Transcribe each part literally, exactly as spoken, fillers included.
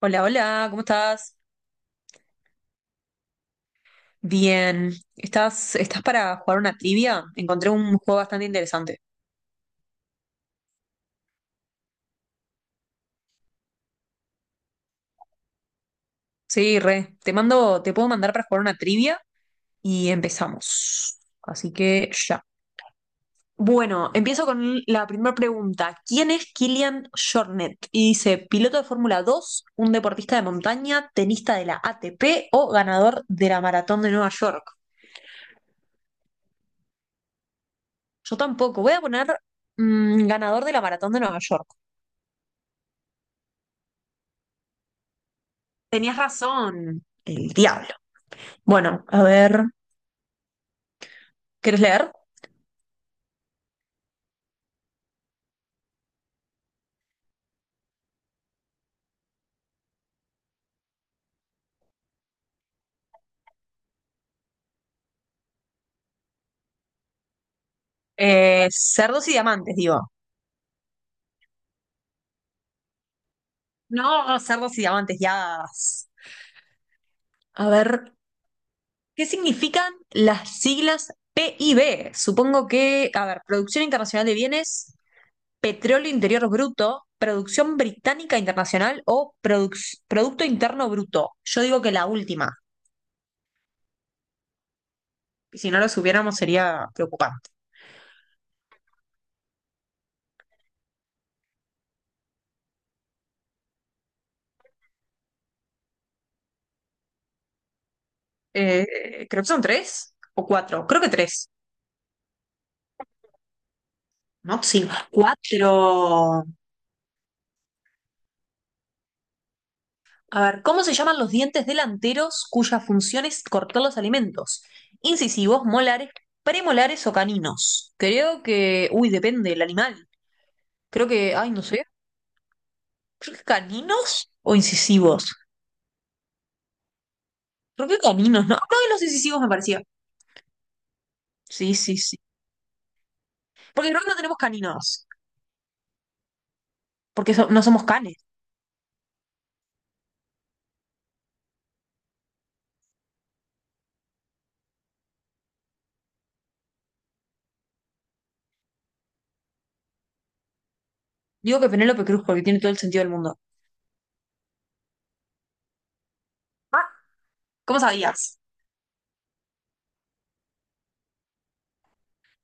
Hola, hola, ¿cómo estás? Bien, ¿estás, estás para jugar una trivia? Encontré un juego bastante interesante. Sí, re, te mando, te puedo mandar para jugar una trivia y empezamos. Así que ya. Bueno, empiezo con la primera pregunta. ¿Quién es Kilian Jornet? Y dice, piloto de Fórmula dos un deportista de montaña, tenista de la A T P o ganador de la Maratón de Nueva York. Yo tampoco, voy a poner mm, ganador de la Maratón de Nueva York. Tenías razón, el diablo. Bueno, a ver, ¿quieres leer? Eh, cerdos y diamantes, digo. No, cerdos y diamantes, ya. A ver, ¿qué significan las siglas P I B? Supongo que, a ver, Producción Internacional de Bienes, Petróleo Interior Bruto, Producción Británica Internacional o Produc- Producto Interno Bruto. Yo digo que la última. Y si no lo supiéramos sería preocupante. Eh, creo que son tres o cuatro. Creo que tres. No, sí. Cuatro. A ver, ¿cómo se llaman los dientes delanteros cuya función es cortar los alimentos? Incisivos, molares, premolares o caninos. Creo que, uy, depende del animal. Creo que, ay, no sé. Creo que caninos o incisivos. Creo que caninos, ¿no? No, y los incisivos me parecía. Sí, sí, sí. Porque creo que no tenemos caninos. Porque so- no somos canes. Digo que Penélope Cruz porque tiene todo el sentido del mundo. Ah, ¿cómo sabías?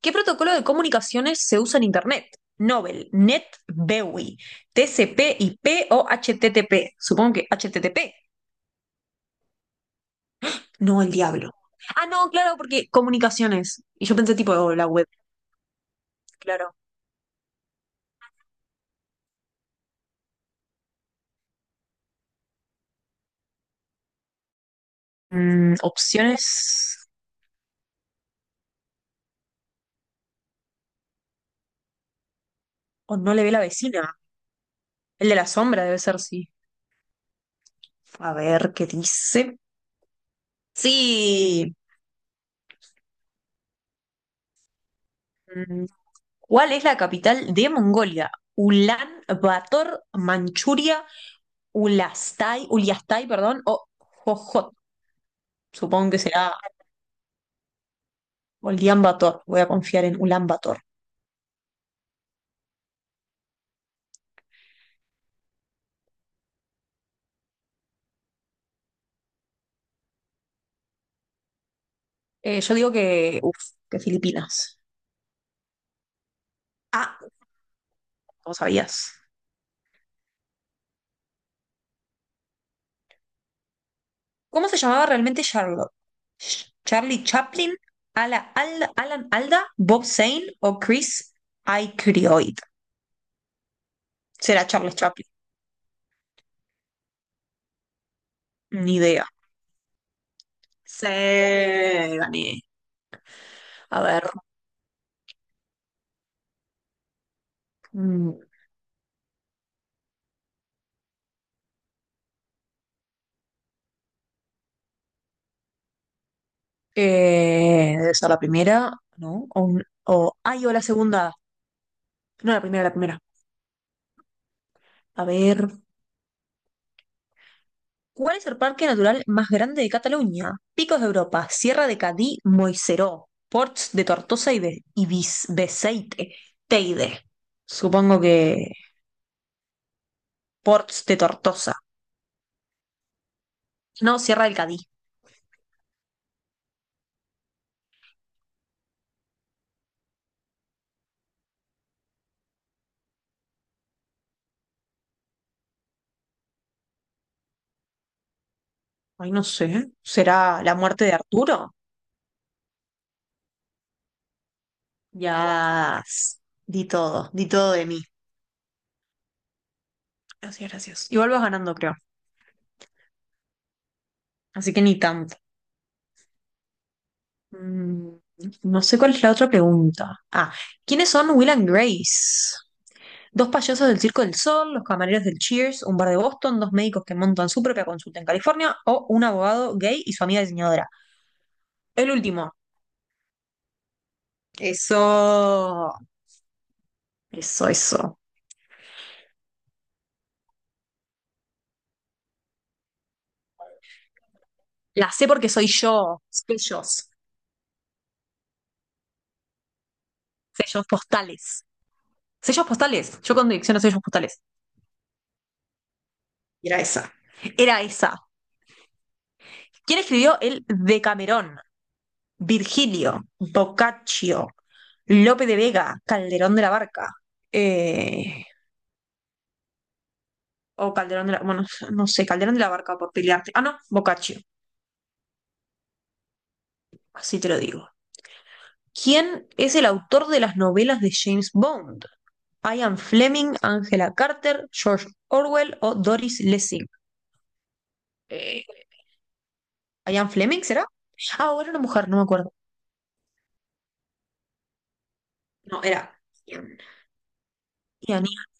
¿Qué protocolo de comunicaciones se usa en Internet? Nobel, NET, BEWI, TCP, IP o HTTP. Supongo que HTTP. No, el diablo. Ah, no, claro, porque comunicaciones. Y yo pensé tipo oh, la web, claro. Mm, opciones. O no le ve la vecina. El de la sombra debe ser, sí. A ver qué dice. Sí. Mm, ¿cuál es la capital de Mongolia? Ulan Bator, Manchuria, Ulastai, Uliastai, perdón, o Jojot. Supongo que será Ulan Bator. Voy a confiar en Ulan Bator. Eh, yo digo que, uf, que Filipinas. Ah, no sabías. ¿Cómo se llamaba realmente Charlotte? Sh- ¿Charlie Chaplin, Ala- Al- Alan Alda, Bob Zane o Chris Aykroyd? Será Charles Chaplin, ni idea. Sí, gané. A ver, mm, eh, debe ser la primera, ¿no? O, un- o- ay, o la segunda. No, la primera, la primera. A ver, ¿cuál es el parque natural más grande de Cataluña? Picos de Europa, Sierra de Cadí, Moixeró, Ports de Tortosa y, Be- y Bis- Beceite, Teide. Supongo que Ports de Tortosa. No, Sierra del Cadí. Ay, no sé. ¿Será la muerte de Arturo? Ya. Di todo, di todo de mí. Gracias, gracias. Igual vas ganando, creo. Así que ni tanto. Mm, no sé cuál es la otra pregunta. Ah, ¿quiénes son Will and Grace? Dos payasos del Circo del Sol, los camareros del Cheers, un bar de Boston, dos médicos que montan su propia consulta en California o un abogado gay y su amiga diseñadora. El último. Eso. Eso, eso. La sé porque soy yo. Sellos. Sellos postales. Sellos postales. Yo con dirección a sellos postales. Era esa. Era esa. ¿Quién escribió el Decamerón? Virgilio, Boccaccio, Lope de Vega, Calderón de la Barca. eh, o Calderón de la. Bueno, no sé, Calderón de la Barca por pelearte. Ah, no, Boccaccio, así te lo digo. ¿Quién es el autor de las novelas de James Bond? Ian Fleming, Angela Carter, George Orwell o Doris Lessing. Eh, ¿Ian Fleming será? Ah, o era una mujer, no me acuerdo. No, era. Ian. Ian, Ian.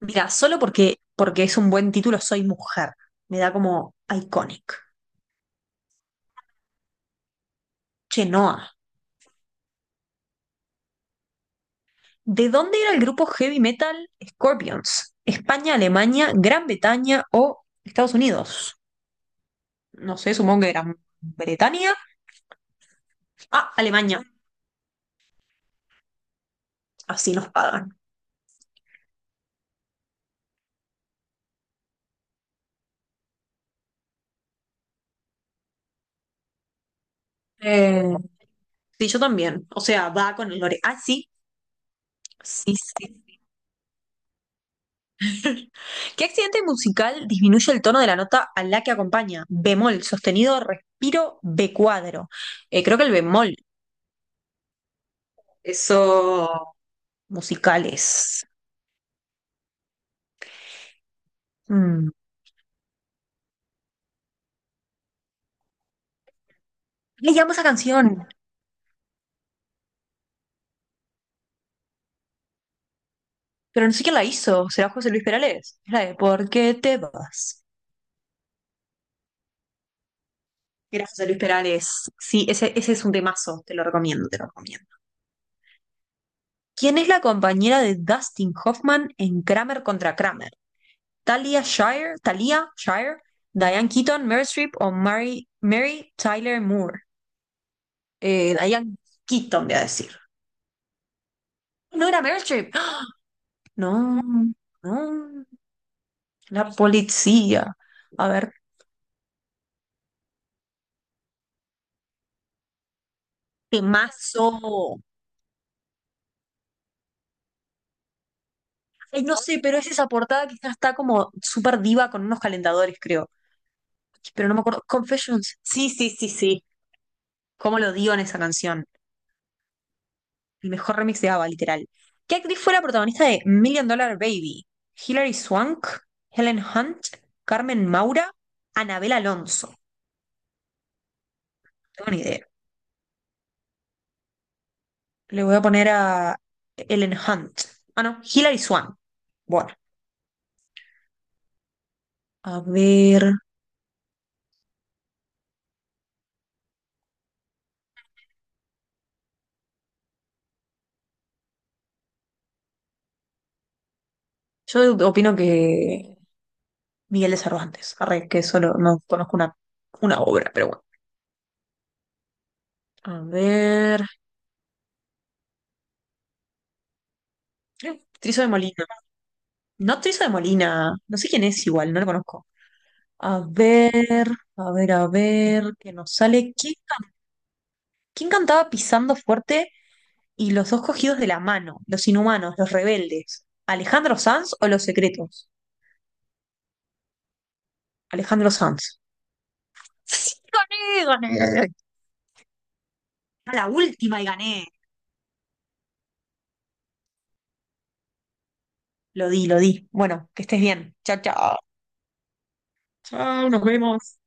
Mira, solo porque, porque es un buen título, soy mujer. Me da como iconic. Chenoa. ¿De dónde era el grupo heavy metal Scorpions? ¿España, Alemania, Gran Bretaña o Estados Unidos? No sé, supongo que Gran Bretaña. Ah, Alemania. Así nos pagan. Eh, sí, yo también. O sea, va con el lore. Ah, sí. Sí, sí. ¿Qué accidente musical disminuye el tono de la nota a la que acompaña? Bemol, sostenido, respiro, B cuadro. Eh, creo que el bemol. Eso. Musicales. Mm. Le llamo esa canción. Pero no sé quién la hizo, será José Luis Perales. Es la de ¿Por qué te vas? Era José Luis Perales. Sí, ese, ese es un temazo, te lo recomiendo, te lo recomiendo. ¿Quién es la compañera de Dustin Hoffman en Kramer contra Kramer? ¿Talia Shire? ¿Talia Shire? ¿Diane Keaton, Meryl Streep o Mary, Mary Tyler Moore? Eh, Diane Keaton, voy a decir. No era Meryl Streep. ¡Ah! No, no. La policía. A ver, temazo. Ay, no sé, pero es esa portada que ya está como súper diva con unos calentadores, creo. Pero no me acuerdo. Confessions. Sí, sí, sí, sí. ¿Cómo lo dio en esa canción? El mejor remix de ABBA, literal. ¿Qué actriz fue la protagonista de Million Dollar Baby? Hilary Swank, Helen Hunt, Carmen Maura, Anabel Alonso. No tengo ni idea. Le voy a poner a Helen Hunt. Ah, no, Hilary Swank. Bueno, a ver. Yo opino que Miguel de Cervantes. Arre, que solo no conozco una, una obra, pero bueno. A ver. Creo que Triso de Molina. No, Triso de Molina. No sé quién es igual, no lo conozco. A ver, a ver, a ver, que nos sale. ¿Quién, ca- quién cantaba pisando fuerte y los dos cogidos de la mano? Los inhumanos, los rebeldes. ¿Alejandro Sanz o los secretos? Alejandro Sanz. Sí, gané, gané. A la última y gané. Lo di, lo di. Bueno, que estés bien. Chao, chao. Chao, nos vemos.